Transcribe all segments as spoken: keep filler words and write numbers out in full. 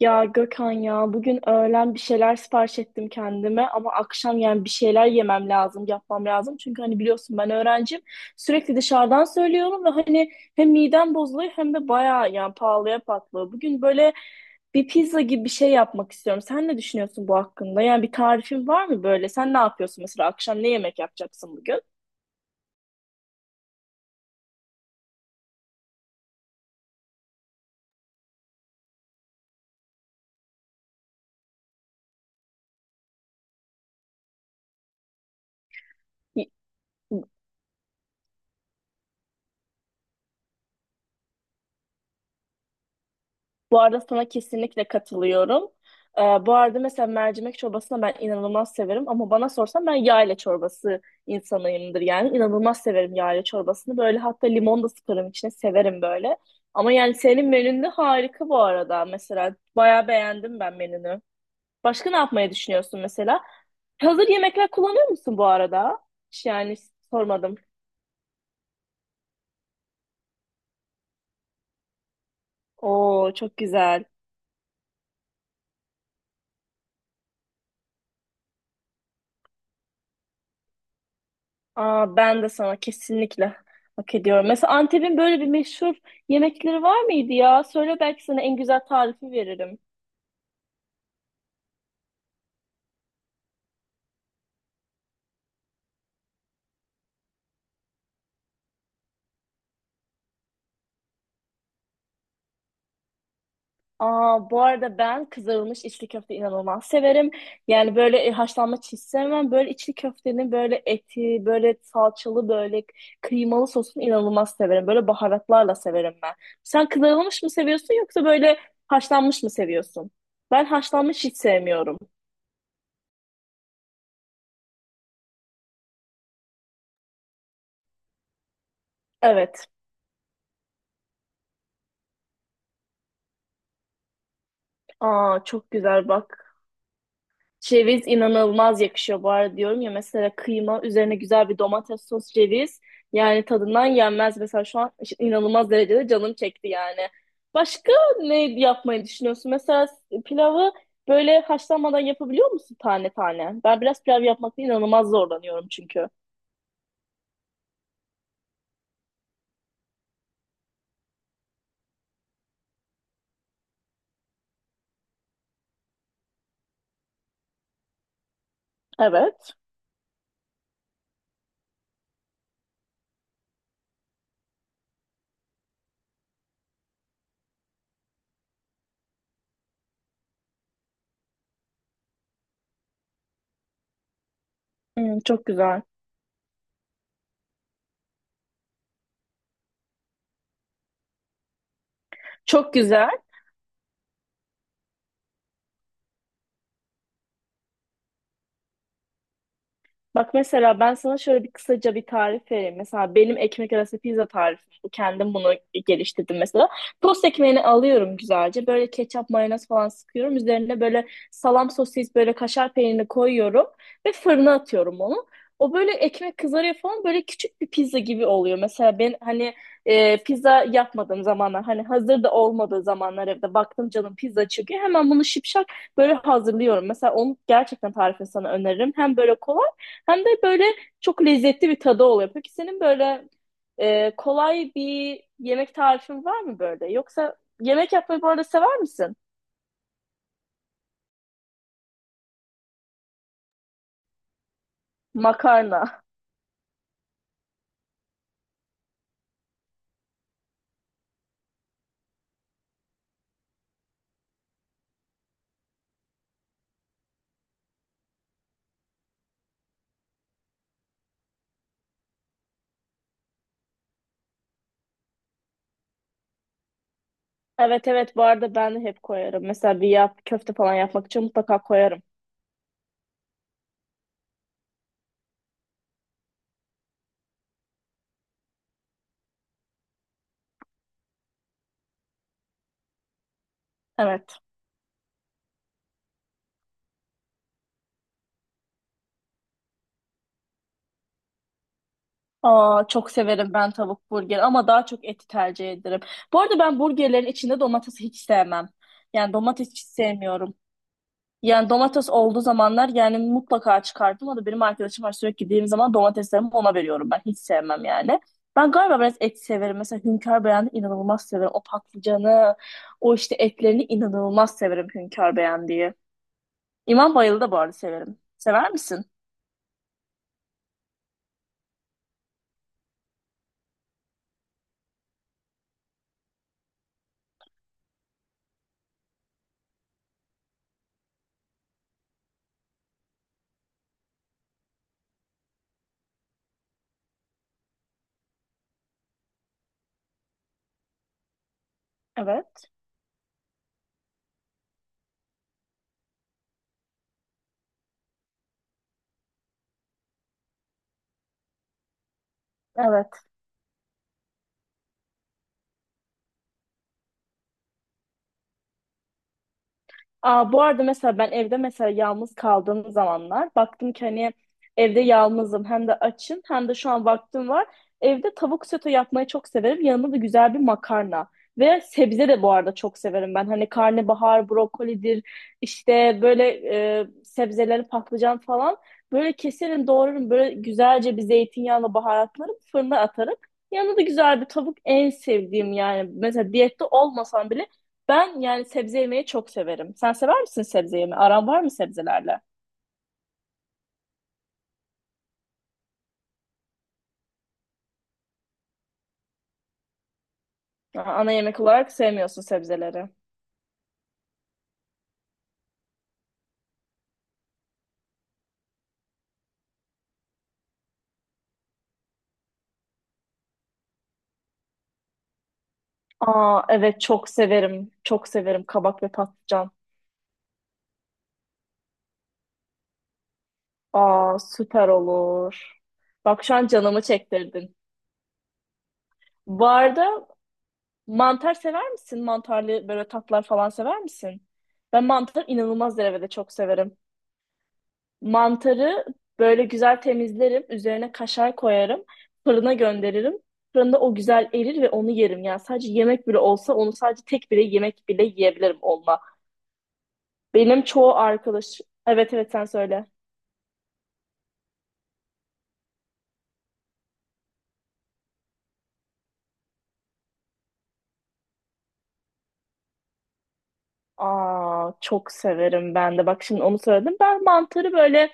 Ya Gökhan ya bugün öğlen bir şeyler sipariş ettim kendime ama akşam yani bir şeyler yemem lazım, yapmam lazım. Çünkü hani biliyorsun ben öğrencim. Sürekli dışarıdan söylüyorum ve hani hem midem bozuluyor hem de bayağı yani pahalıya patlıyor. Bugün böyle bir pizza gibi bir şey yapmak istiyorum. Sen ne düşünüyorsun bu hakkında? Yani bir tarifin var mı böyle? Sen ne yapıyorsun mesela akşam ne yemek yapacaksın bugün? Bu arada sana kesinlikle katılıyorum. Ee, bu arada mesela mercimek çorbasını ben inanılmaz severim ama bana sorsan ben yayla çorbası insanıyımdır yani. İnanılmaz severim yayla çorbasını. Böyle hatta limon da sıkarım içine severim böyle. Ama yani senin menün de harika bu arada mesela. Bayağı beğendim ben menünü. Başka ne yapmayı düşünüyorsun mesela? Hazır yemekler kullanıyor musun bu arada? Hiç. Yani sormadım. Oo, çok güzel. Aa, ben de sana kesinlikle hak ediyorum. Mesela Antep'in böyle bir meşhur yemekleri var mıydı ya? Söyle belki sana en güzel tarifi veririm. Aa, bu arada ben kızarılmış içli köfte inanılmaz severim. Yani böyle e, haşlanmış hiç sevmem. Böyle içli köftenin böyle eti, böyle salçalı, böyle kıymalı sosunu inanılmaz severim. Böyle baharatlarla severim ben. Sen kızarılmış mı seviyorsun yoksa böyle haşlanmış mı seviyorsun? Ben haşlanmış hiç sevmiyorum. Evet. Aa, çok güzel bak. Ceviz inanılmaz yakışıyor bu arada diyorum ya, mesela kıyma üzerine güzel bir domates sos ceviz yani tadından yenmez, mesela şu an işte inanılmaz derecede canım çekti yani. Başka ne yapmayı düşünüyorsun? Mesela pilavı böyle haşlanmadan yapabiliyor musun tane tane? Ben biraz pilav yapmakta inanılmaz zorlanıyorum çünkü. Evet. Hmm, çok güzel. Çok güzel. Bak mesela ben sana şöyle bir kısaca bir tarif vereyim. Mesela benim ekmek arası pizza tarifim bu. Kendim bunu geliştirdim mesela. Tost ekmeğini alıyorum güzelce. Böyle ketçap, mayonez falan sıkıyorum. Üzerine böyle salam sosis, böyle kaşar peynirini koyuyorum. Ve fırına atıyorum onu. O böyle ekmek kızarıyor falan, böyle küçük bir pizza gibi oluyor. Mesela ben hani e, pizza yapmadığım zamanlar, hani hazır da olmadığı zamanlar, evde baktım canım pizza çıkıyor. Hemen bunu şipşak böyle hazırlıyorum. Mesela onu gerçekten tarifini sana öneririm. Hem böyle kolay hem de böyle çok lezzetli bir tadı oluyor. Peki senin böyle e, kolay bir yemek tarifin var mı böyle? Yoksa yemek yapmayı bu arada sever misin? Makarna. Evet, evet, bu arada ben de hep koyarım. Mesela bir yap, köfte falan yapmak için mutlaka koyarım. Evet. Aa, çok severim ben tavuk burgeri ama daha çok eti tercih ederim. Bu arada ben burgerlerin içinde domatesi hiç sevmem. Yani domates hiç sevmiyorum. Yani domates olduğu zamanlar yani mutlaka çıkardım. O da benim arkadaşım var, sürekli gittiğim zaman domateslerimi ona veriyorum. Ben hiç sevmem yani. Ben galiba biraz et severim. Mesela Hünkar Beyan'ı inanılmaz severim. O patlıcanı, o işte etlerini inanılmaz severim Hünkar Beyan diye. İmam Bayıl'ı da bu arada severim. Sever misin? Evet. Evet. Aa, bu arada mesela ben evde mesela yalnız kaldığım zamanlar baktım ki hani evde yalnızım, hem de açım, hem de şu an vaktim var. Evde tavuk sote yapmayı çok severim. Yanında da güzel bir makarna. Ve sebze de bu arada çok severim ben. Hani karnabahar, brokolidir, işte böyle e, sebzeleri, patlıcan falan. Böyle keserim, doğrarım. Böyle güzelce bir zeytinyağla baharatlarım, fırına atarım. Yanında da güzel bir tavuk en sevdiğim yani. Mesela diyette olmasam bile ben yani sebze yemeyi çok severim. Sen sever misin sebze yemeyi? Aran var mı sebzelerle? Aa, ana yemek olarak sevmiyorsun sebzeleri. Aa, evet çok severim. Çok severim kabak ve patlıcan. Aa, süper olur. Bak şu an canımı çektirdin. Bu arada mantar sever misin? Mantarlı böyle tatlar falan sever misin? Ben mantar inanılmaz derecede çok severim. Mantarı böyle güzel temizlerim. Üzerine kaşar koyarım. Fırına gönderirim. Fırında o güzel erir ve onu yerim. Yani sadece yemek bile olsa onu sadece tek bile yemek bile yiyebilirim onunla. Benim çoğu arkadaş. Evet, evet, sen söyle. Aa, çok severim ben de. Bak şimdi onu söyledim. Ben mantarı böyle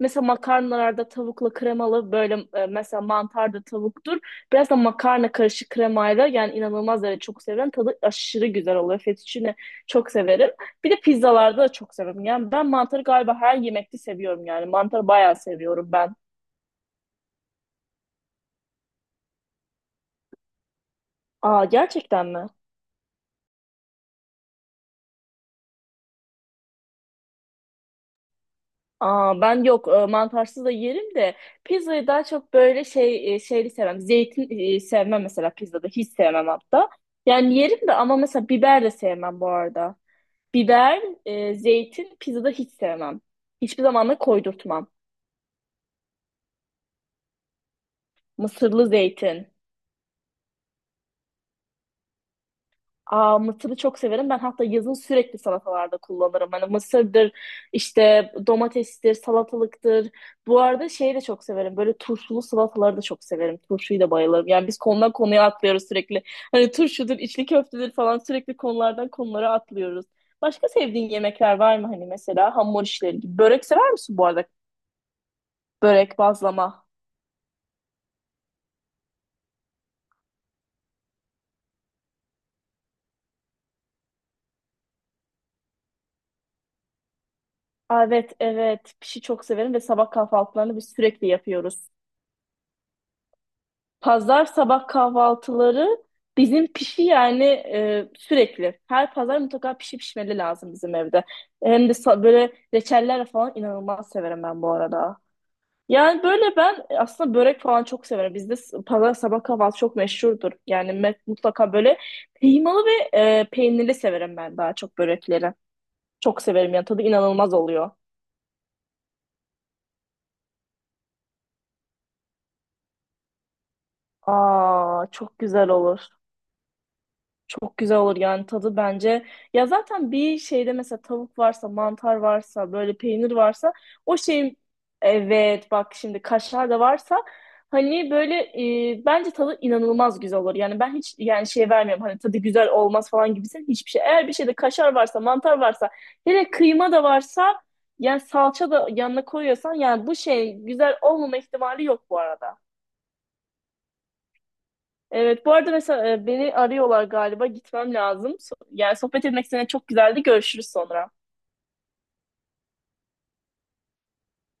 mesela makarnalarda tavukla kremalı, böyle e, mesela mantar da tavuktur. Biraz da makarna karışık kremayla yani inanılmaz derece çok severim. Tadı aşırı güzel oluyor. Fettuccine çok severim. Bir de pizzalarda da çok severim. Yani ben mantarı galiba her yemekte seviyorum yani. Mantarı bayağı seviyorum ben. Aa, gerçekten mi? Aa, ben yok, e, mantarsız da yerim de pizzayı daha çok böyle şey, e, şeyli sevmem. Zeytin e, sevmem mesela, pizzada hiç sevmem hatta. Yani yerim de ama mesela biber de sevmem bu arada. Biber, e, zeytin pizzada hiç sevmem. Hiçbir zaman da koydurtmam. Mısırlı zeytin. Aa, mısırı çok severim. Ben hatta yazın sürekli salatalarda kullanırım. Hani mısırdır, işte domatestir, salatalıktır. Bu arada şeyi de çok severim. Böyle turşulu salataları da çok severim. Turşuyu da bayılırım. Yani biz konudan konuya atlıyoruz sürekli. Hani turşudur, içli köftedir falan, sürekli konulardan konulara atlıyoruz. Başka sevdiğin yemekler var mı, hani mesela hamur işleri gibi? Börek sever misin bu arada? Börek, bazlama. Aa, evet, evet. Pişi çok severim ve sabah kahvaltılarını biz sürekli yapıyoruz. Pazar sabah kahvaltıları bizim pişi yani e, sürekli. Her pazar mutlaka pişi pişmeli lazım bizim evde. Hem de sa- böyle reçeller falan inanılmaz severim ben bu arada. Yani böyle ben e, aslında börek falan çok severim. Bizde s- pazar sabah kahvaltı çok meşhurdur. Yani me- mutlaka böyle kıymalı ve e, peynirli severim ben daha çok börekleri. Çok severim yani tadı inanılmaz oluyor. Aa, çok güzel olur. Çok güzel olur yani tadı bence. Ya zaten bir şeyde mesela tavuk varsa, mantar varsa, böyle peynir varsa o şeyin, evet bak şimdi kaşar da varsa, hani böyle e, bence tadı inanılmaz güzel olur. Yani ben hiç yani şey vermiyorum hani tadı güzel olmaz falan gibisin, hiçbir şey. Eğer bir şeyde kaşar varsa, mantar varsa, hele kıyma da varsa, yani salça da yanına koyuyorsan, yani bu şey güzel olmama ihtimali yok bu arada. Evet, bu arada mesela e, beni arıyorlar galiba. Gitmem lazım. So- Yani sohbet etmek seninle çok güzeldi. Görüşürüz sonra.